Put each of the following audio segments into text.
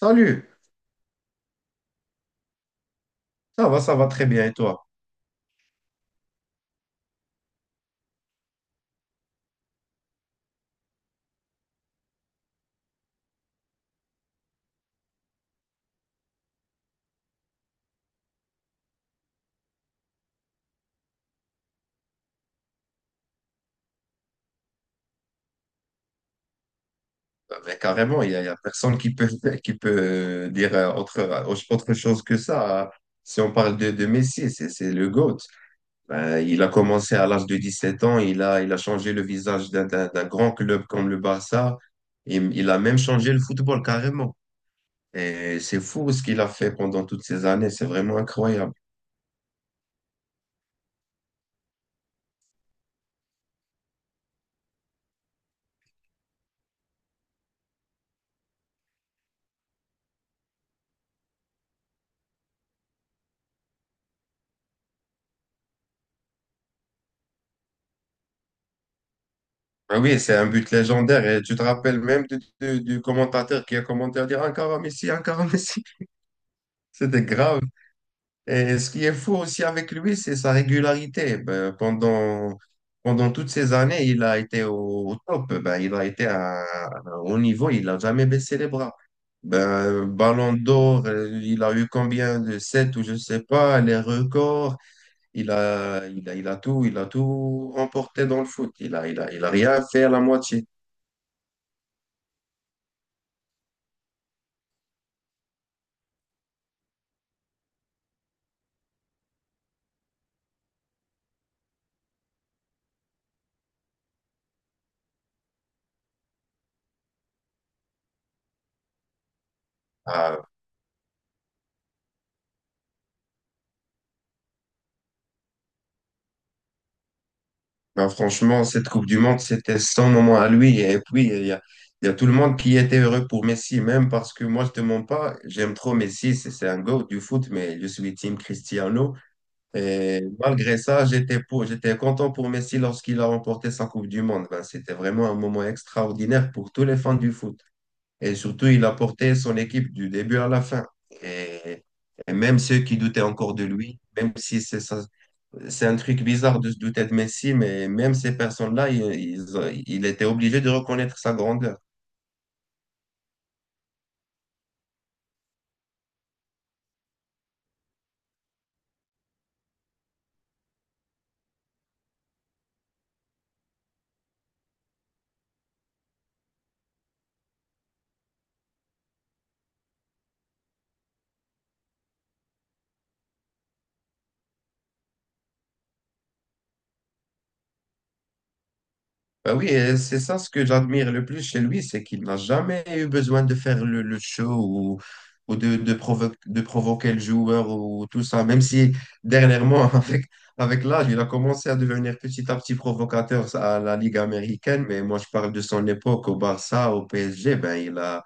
Salut, ça va très bien et toi? Bah, mais carrément, il y a personne qui peut, qui peut dire autre, autre chose que ça, hein. Si on parle de Messi, c'est le GOAT. Ben il a commencé à l'âge de 17 ans, il a changé le visage d'un grand club comme le Barça, et il a même changé le football carrément. Et c'est fou ce qu'il a fait pendant toutes ces années. C'est vraiment incroyable. Ah oui, c'est un but légendaire. Et tu te rappelles même du commentateur qui a commenté à dire: encore un Messi, encore un Messi. C'était grave. Et ce qui est fou aussi avec lui, c'est sa régularité. Ben, pendant toutes ces années, il a été au top. Ben, il a été au niveau, il n'a jamais baissé les bras. Ben, Ballon d'or, il a eu combien de 7 ou je sais pas, les records. Il a tout remporté dans le foot. Il a rien fait à la moitié. Ah, ben franchement, cette Coupe du Monde, c'était son moment à lui. Et puis, il y a tout le monde qui était heureux pour Messi, même parce que moi, je te mens pas, j'aime trop Messi, c'est un go du foot, mais je suis team Cristiano. Et malgré ça, j'étais content pour Messi lorsqu'il a remporté sa Coupe du Monde. Ben, c'était vraiment un moment extraordinaire pour tous les fans du foot. Et surtout, il a porté son équipe du début à la fin. Et, et même ceux qui doutaient encore de lui, même si c'est sa, c'est un truc bizarre de se douter de Messi, mais même ces personnes-là, il était obligé de reconnaître sa grandeur. Bah oui, et c'est ça ce que j'admire le plus chez lui, c'est qu'il n'a jamais eu besoin de faire le show ou de provoquer le joueur ou tout ça. Même si dernièrement, avec l'âge, il a commencé à devenir petit à petit provocateur à la Ligue américaine, mais moi je parle de son époque au Barça, au PSG, ben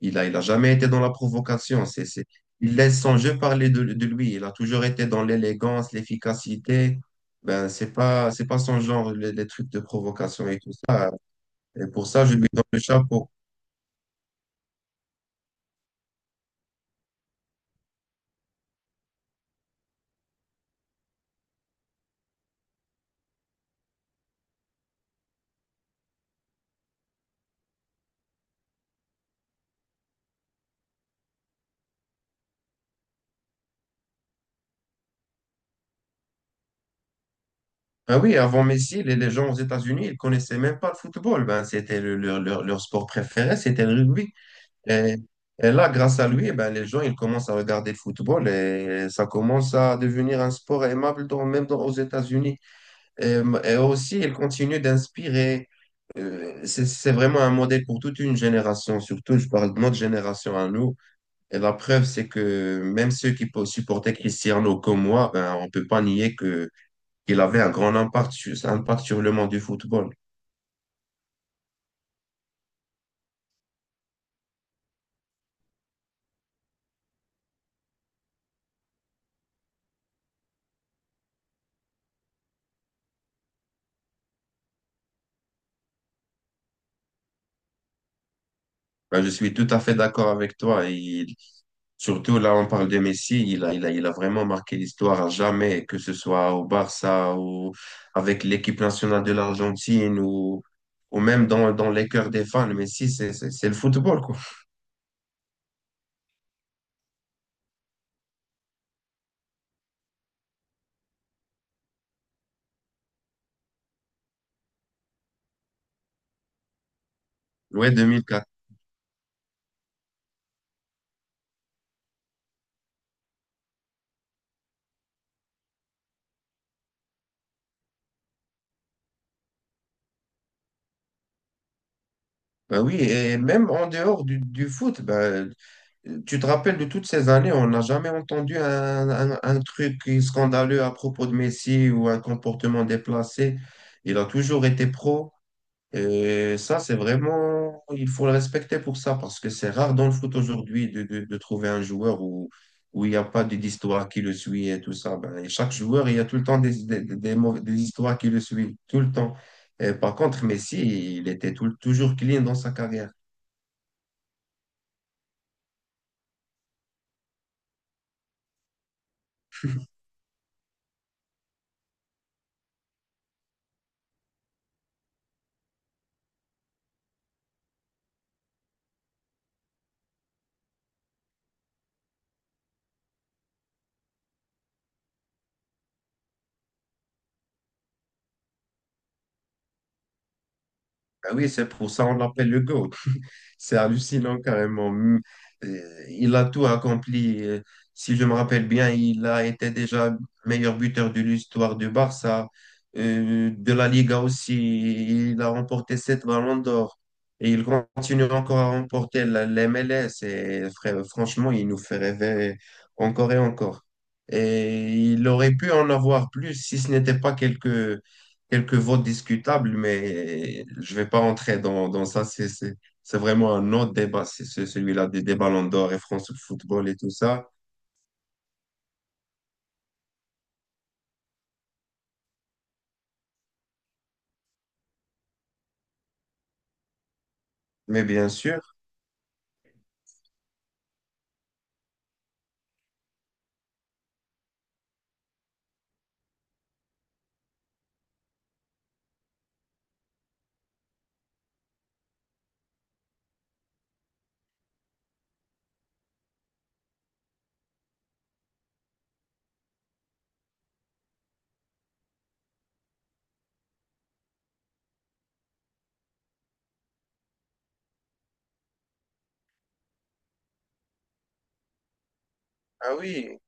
Il a jamais été dans la provocation. Il laisse son jeu parler de lui. Il a toujours été dans l'élégance, l'efficacité. Ben, c'est pas son genre, les trucs de provocation et tout ça. Et pour ça, je lui donne le chapeau. Ah oui, avant Messi, les gens aux États-Unis, ils connaissaient même pas le football. Ben, c'était leur sport préféré, c'était le rugby. Et, et là, grâce à lui, ben, les gens, ils commencent à regarder le football et ça commence à devenir un sport aimable dans, aux États-Unis. Et aussi, elle continue d'inspirer. C'est vraiment un modèle pour toute une génération, surtout je parle de notre génération à nous. Et la preuve, c'est que même ceux qui supportaient Cristiano comme moi, ben, on peut pas nier que qu'il avait un grand un impact sur le monde du football. Ben, je suis tout à fait d'accord avec toi. Il, surtout là, on parle de Messi, il a vraiment marqué l'histoire à jamais, que ce soit au Barça ou avec l'équipe nationale de l'Argentine ou même dans les cœurs des fans. Messi, c'est le football, quoi. Ouais, 2004. Ben oui, et même en dehors du foot, ben, tu te rappelles de toutes ces années, on n'a jamais entendu un truc scandaleux à propos de Messi ou un comportement déplacé. Il a toujours été pro. Et ça, c'est vraiment, il faut le respecter pour ça, parce que c'est rare dans le foot aujourd'hui de trouver un joueur où, où il n'y a pas d'histoire qui le suit et tout ça. Ben, et chaque joueur, il y a tout le temps des histoires qui le suivent, tout le temps. Et par contre, Messi, il était toujours clean dans sa carrière. Ben oui, c'est pour ça on l'appelle le GOAT. C'est hallucinant carrément. Il a tout accompli. Si je me rappelle bien, il a été déjà meilleur buteur de l'histoire du Barça, de la Liga aussi. Il a remporté 7 ballons d'or. Et il continue encore à remporter la MLS. Et franchement, il nous fait rêver encore et encore. Et il aurait pu en avoir plus si ce n'était pas quelques quelques votes discutables, mais je ne vais pas entrer dans ça. C'est vraiment un autre débat, c'est celui-là des Ballons d'Or et France Football et tout ça. Mais bien sûr, ah oui,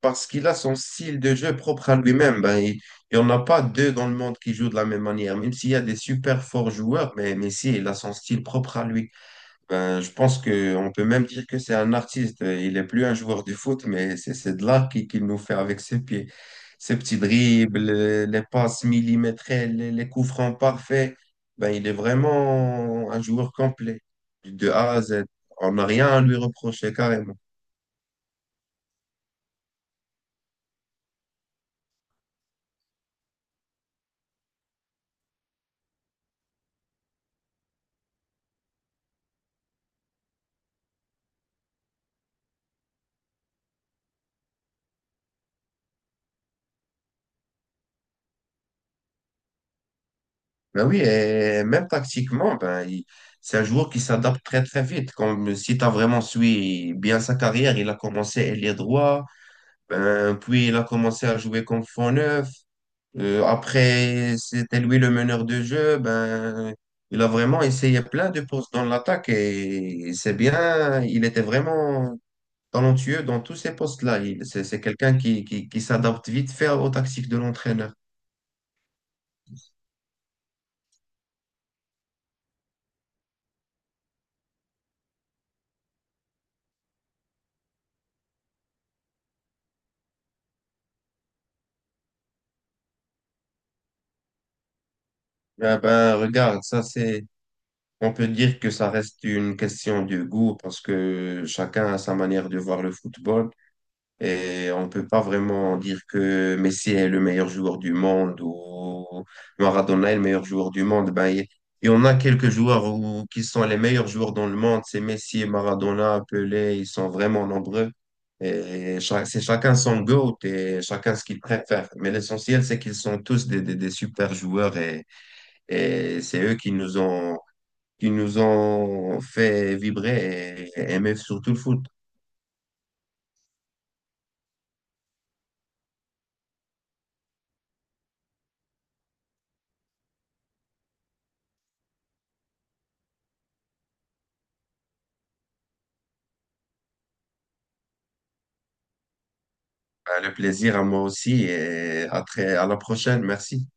parce qu'il a son style de jeu propre à lui-même. Ben, il n'y en a pas deux dans le monde qui jouent de la même manière, même s'il y a des super forts joueurs, mais Messi, il a son style propre à lui. Ben, je pense qu'on peut même dire que c'est un artiste. Il n'est plus un joueur de foot, mais c'est de l'art qu'il nous fait avec ses pieds. Ses petits dribbles, les passes millimétrées, les coups francs parfaits. Ben, il est vraiment un joueur complet, de A à Z. On n'a rien à lui reprocher, carrément. Ben oui, et même tactiquement, ben, c'est un joueur qui s'adapte très vite. Comme si tu as vraiment suivi bien sa carrière, il a commencé ailier droit, ben, puis il a commencé à jouer comme faux neuf. Après, c'était lui le meneur de jeu. Ben, il a vraiment essayé plein de postes dans l'attaque et c'est bien. Il était vraiment talentueux dans tous ces postes-là. C'est quelqu'un qui s'adapte vite fait aux tactiques de l'entraîneur. Ben, regarde, on peut dire que ça reste une question de goût parce que chacun a sa manière de voir le football. Et on ne peut pas vraiment dire que Messi est le meilleur joueur du monde ou Maradona est le meilleur joueur du monde. Ben, il y en a quelques joueurs qui sont les meilleurs joueurs dans le monde. C'est Messi, Maradona, Pelé, ils sont vraiment nombreux. Et cha- c'est chacun son goût et chacun ce qu'il préfère. Mais l'essentiel, c'est qu'ils sont tous des super joueurs et c'est eux qui nous ont fait vibrer et aimer surtout le foot. Ben, le plaisir à moi aussi et à très, à la prochaine. Merci.